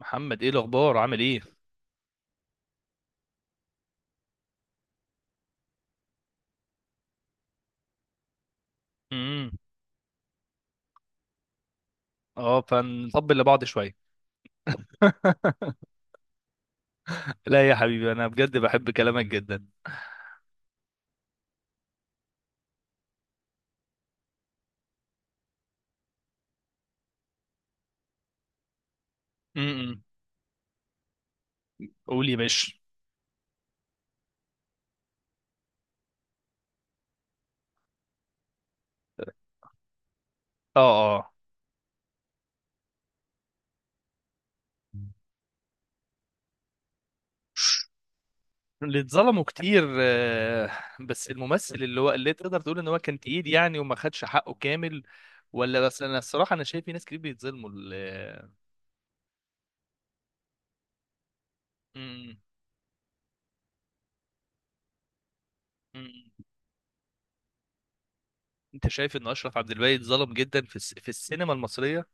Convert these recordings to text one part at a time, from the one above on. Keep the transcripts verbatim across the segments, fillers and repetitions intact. محمد، ايه الاخبار عامل ايه؟ امم اه، فنطبل لبعض شويه. لا يا حبيبي، انا بجد بحب كلامك جدا. امم قولي مش. اه، اه، اللي اتظلموا كتير، آه، بس الممثل، اللي هو اللي تقدر تقول ان هو كان تقيل يعني، وما خدش حقه كامل. ولا بس انا الصراحه انا شايف في ناس كتير بيتظلموا ال- امم امم انت شايف ان اشرف عبد الباقي اتظلم جدا في الس- في السينما المصريه؟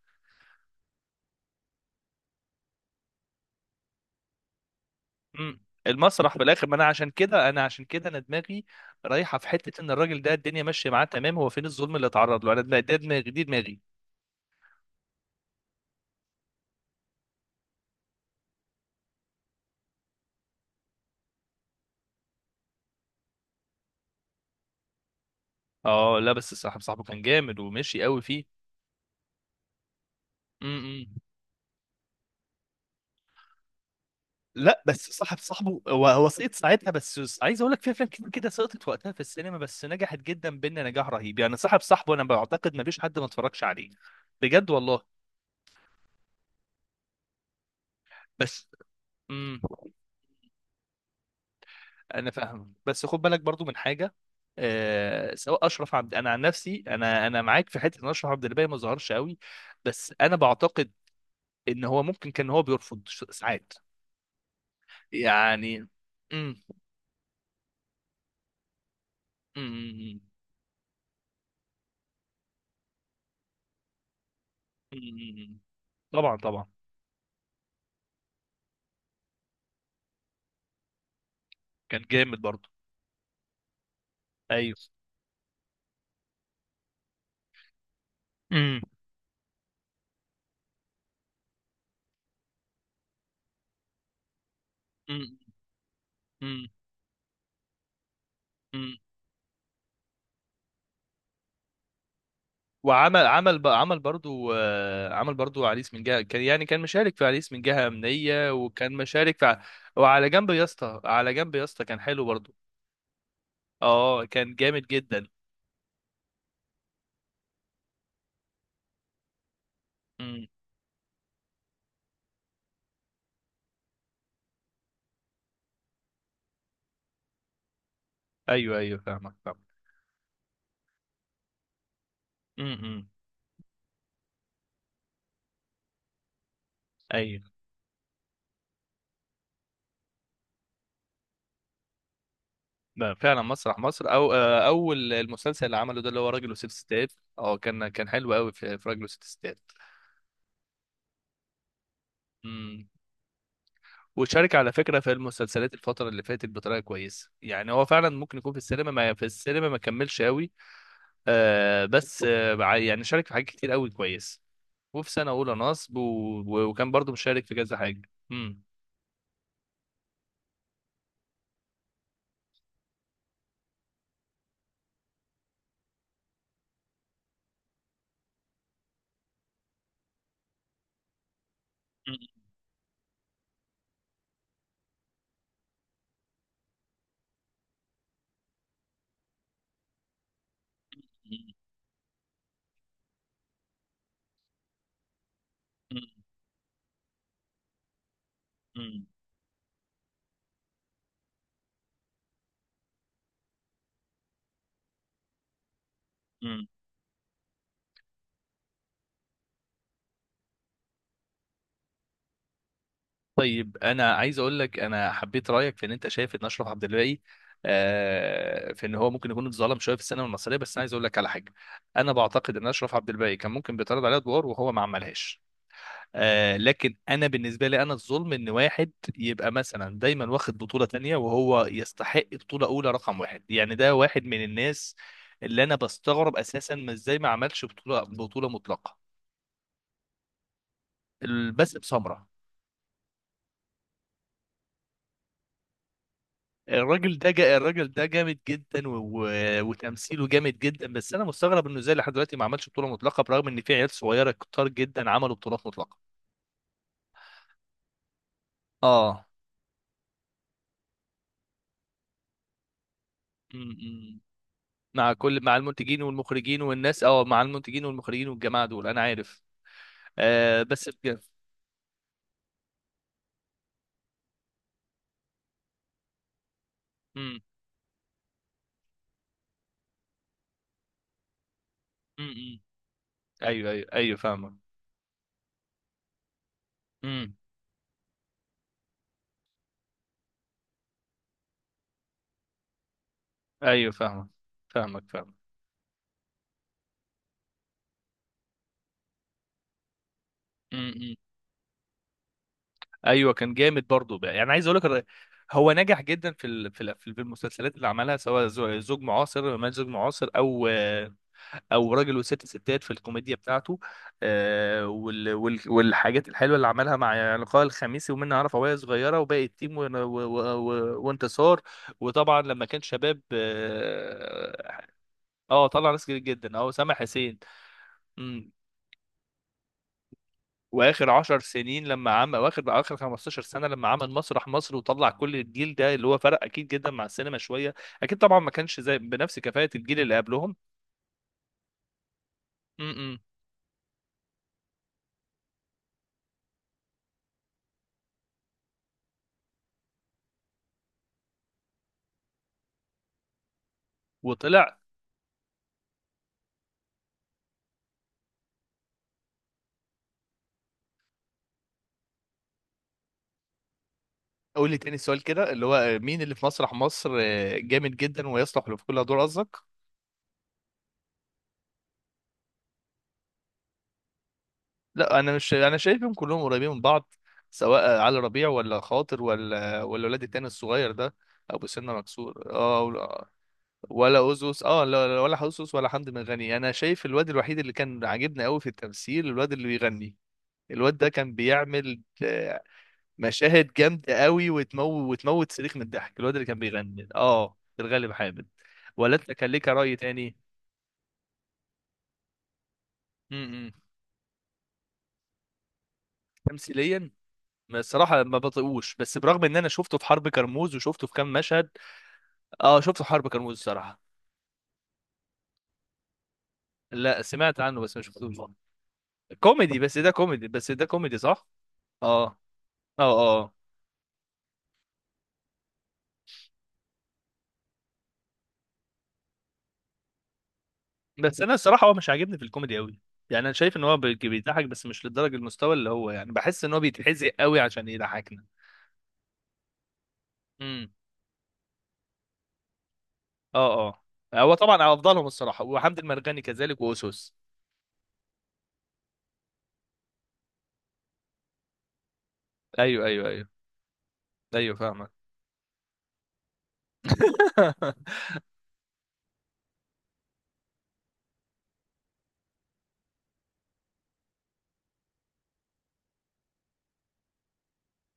مم. المسرح في الاخر، ما انا عشان كده انا عشان كده انا دماغي رايحه في حته ان الراجل ده الدنيا ماشيه معاه تمام، هو فين الظلم اللي اتعرض له؟ انا ده ده دماغي دي دماغي. اه، لا بس صاحب صاحبه كان جامد ومشي قوي فيه. امم لا، بس صاحب صاحبه هو هو سقط ساعتها، بس عايز اقول لك في افلام كتير كده سقطت وقتها في السينما بس نجحت جدا بينا نجاح رهيب، يعني صاحب صاحبه انا بعتقد ما فيش حد ما اتفرجش عليه بجد والله. بس. امم انا فاهم، بس خد بالك برضو من حاجه. آه سواء اشرف عبد انا عن نفسي، انا انا معاك في حته ان اشرف عبد الباقي ما ظهرش قوي، بس انا بعتقد ان هو ممكن كان هو بيرفض ش- ساعات يعني. مم. مم. مم. طبعا طبعا. كان جامد برضو. ايوه. مم. مم. مم. مم. وعمل عمل ب- عمل برضو آه، عمل برضو عريس من جهه، كان يعني كان مشارك في عريس من جهه امنيه، وكان مشارك في ع- وعلى جنب يا اسطى على جنب يا اسطى كان حلو برضو. اه، كان جامد جدا. امم ايوه، ايوه، فاهمك، فاهمك. امم امم. ايوه. لا، فعلا مسرح مصر، او آه، اول المسلسل اللي عمله ده اللي هو راجل وست ستات. اه، كان كان حلو قوي في في راجل وست ستات. امم وشارك على فكره في المسلسلات الفتره اللي فاتت بطريقه كويسه، يعني هو فعلا ممكن يكون في السينما ما في السينما ما كملش قوي. آه بس آه بع- يعني شارك في حاجات كتير قوي كويس. وفي سنه اولى نصب و... و- وكان برضو مشارك في كذا حاجه. امم طيب، انا عايز اقول لك، انا حبيت رايك في ان انت شايف ان اشرف عبد الباقي آه، في ان هو ممكن يكون اتظلم شويه في السينما المصريه، بس انا عايز اقول لك على حاجه. انا بعتقد ان اشرف عبد الباقي كان ممكن بيتعرض عليه ادوار وهو ما عملهاش، آه، لكن انا بالنسبه لي، انا الظلم ان واحد يبقى مثلا دايما واخد بطوله تانية وهو يستحق بطوله اولى رقم واحد. يعني ده واحد من الناس اللي انا بستغرب اساسا ما ازاي ما عملش بطوله بطوله مطلقه، الباسم سمره. الراجل ده جا... الراجل ده جامد جدا و... و... وتمثيله جامد جدا، بس انا مستغرب انه ازاي لحد دلوقتي ما عملش بطوله مطلقه، برغم ان في عيال صغيره كتار جدا عملوا بطولات مطلقه. اه. م-م. مع كل مع المنتجين والمخرجين والناس، اه مع المنتجين والمخرجين والجماعه دول انا عارف. آه بس بجد. م- م- م. ايوه، ايوه، ايوه، فاهمك. م. ايوه، فاهمك، فاهمك، فاهمك. ايوه، كان جامد برضه بقى، يعني عايز اقول لك الر- هو نجح جدا في ال... في ال... في المسلسلات اللي عملها، سواء زو- زوج معاصر ما زوج معاصر او او راجل وست ستات في الكوميديا بتاعته. آه، وال... وال... والحاجات الحلوه اللي عملها مع لقاء الخميسي، ومنها عرف وهي صغيره، وباقي التيم، و... و... و... وانتصار. وطبعا لما كان شباب، اه. آه، طلع ناس كتير جدا، اه، سامح حسين. واخر عشر سنين لما عمل واخر اخر خمسة عشر سنه لما عمل مسرح مصر، وطلع كل الجيل ده اللي هو فرق اكيد جدا مع السينما شويه. اكيد طبعا ما كانش زي، بنفس كفاءه الجيل اللي قبلهم. م-م. وطلع قول لي تاني سؤال كده، اللي هو مين اللي في مسرح مصر آه، جامد جدا ويصلح له في كل دور قصدك. لا، انا مش انا شايفهم كلهم قريبين من بعض، سواء علي ربيع ولا خاطر ولا ولا الولاد التاني الصغير ده، ابو سنه مكسور، اه. ولا اوزوس، اه، لا، لا، ولا اوزوس ولا حمدي مرغني، انا شايف الواد الوحيد اللي كان عاجبني قوي في التمثيل الواد اللي بيغني. الواد ده كان بيعمل آه، مشاهد جامده قوي، وتموت، وتموت صريخ من الضحك. الواد اللي كان بيغني، اه، في الغالب حامد. ولا انت كان ليك راي تاني؟ امم تمثيليا. ما الصراحه ما بطيقوش، بس برغم ان انا شفته في حرب كرموز، وشفته في كام مشهد. اه، شفته في حرب كرموز الصراحه. لا، سمعت عنه بس ما شفتوش. كوميدي بس ده كوميدي بس ده كوميدي صح؟ اه اه، اه. بس انا الصراحه هو مش عاجبني في الكوميدي قوي، يعني انا شايف ان هو بي- بيضحك بس مش لدرجه المستوى، اللي هو يعني بحس ان هو بيتحزق قوي عشان يضحكنا. امم اه، اه. هو طبعا افضلهم الصراحه، وحمد المرغني كذلك، واسوس. ايوه، ايوه، ايوه، ايوه، فاهمك.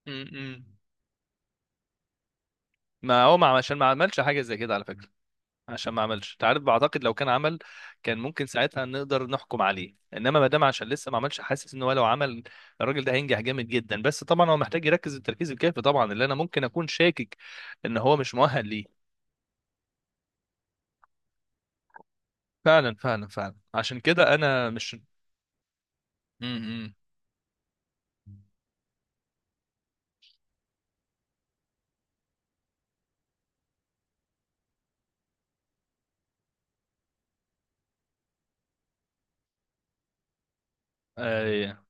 أمم. ما هو، ما عشان ما عملش حاجه زي كده على فكره. عشان ما عملش، انت عارف، بعتقد لو كان عمل، كان ممكن ساعتها نقدر نحكم عليه، انما ما دام عشان لسه ما عملش، حاسس ان هو لو عمل، الراجل ده هينجح جامد جدا. بس طبعا هو محتاج يركز التركيز الكافي، طبعا اللي انا ممكن اكون شاكك ان هو مش مؤهل ليه. فعلا فعلا فعلا، عشان كده انا مش. امم ايوه،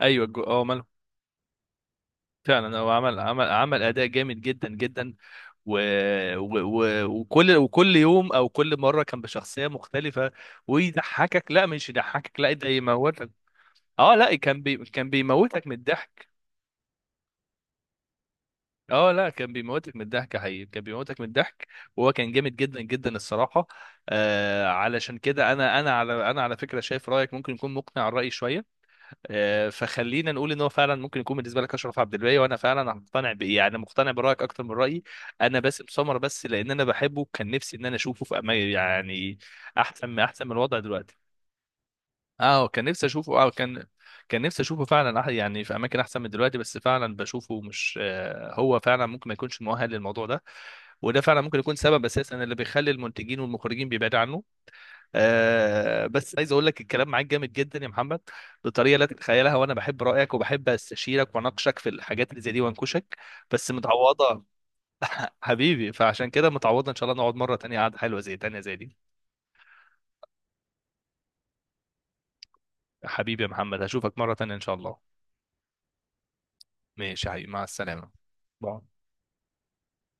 ايوه، الجو- اه ماله. فعلا، هو عمل عمل عمل اداء جامد جدا جدا. و... و... و... وكل وكل يوم او كل مره كان بشخصيه مختلفه، ويضحكك، لا مش يضحكك، لا ده يموت. اه، لا كان بي... كان بيموتك من الضحك. اه، لا، كان بيموتك من الضحك حقيقي، كان بيموتك من الضحك، وهو كان جامد جدا جدا الصراحه. آه علشان كده، انا انا على انا على فكره، شايف رايك ممكن يكون مقنع الراي شويه. آه فخلينا نقول ان هو فعلا ممكن يكون بالنسبه لك اشرف عبد الباقي، وانا فعلا مقتنع ب... يعني مقتنع برايك اكتر من رايي. انا باسم سمر، بس لان انا بحبه، كان نفسي ان انا اشوفه في أما... يعني احسن، احسن من الوضع دلوقتي. اه، كان نفسي اشوفه، اه، كان. كان نفسي اشوفه فعلا، أح- يعني في اماكن احسن من دلوقتي، بس فعلا بشوفه مش، آه، هو فعلا ممكن ما يكونش مؤهل للموضوع ده، وده فعلا ممكن يكون سبب اساسا اللي بيخلي المنتجين والمخرجين بيبعدوا عنه. آه بس عايز اقول لك، الكلام معاك جامد جدا يا محمد، بطريقه لا تتخيلها، وانا بحب رايك وبحب استشيرك واناقشك في الحاجات اللي زي دي وانكشك. بس متعوضه. حبيبي، فعشان كده متعوضه ان شاء الله، نقعد مره تانية قعده حلوه زي تانية، زي دي. حبيبي يا محمد، هشوفك مره تانية ان شاء الله. ماشي يا حبيبي، مع السلامة. باي.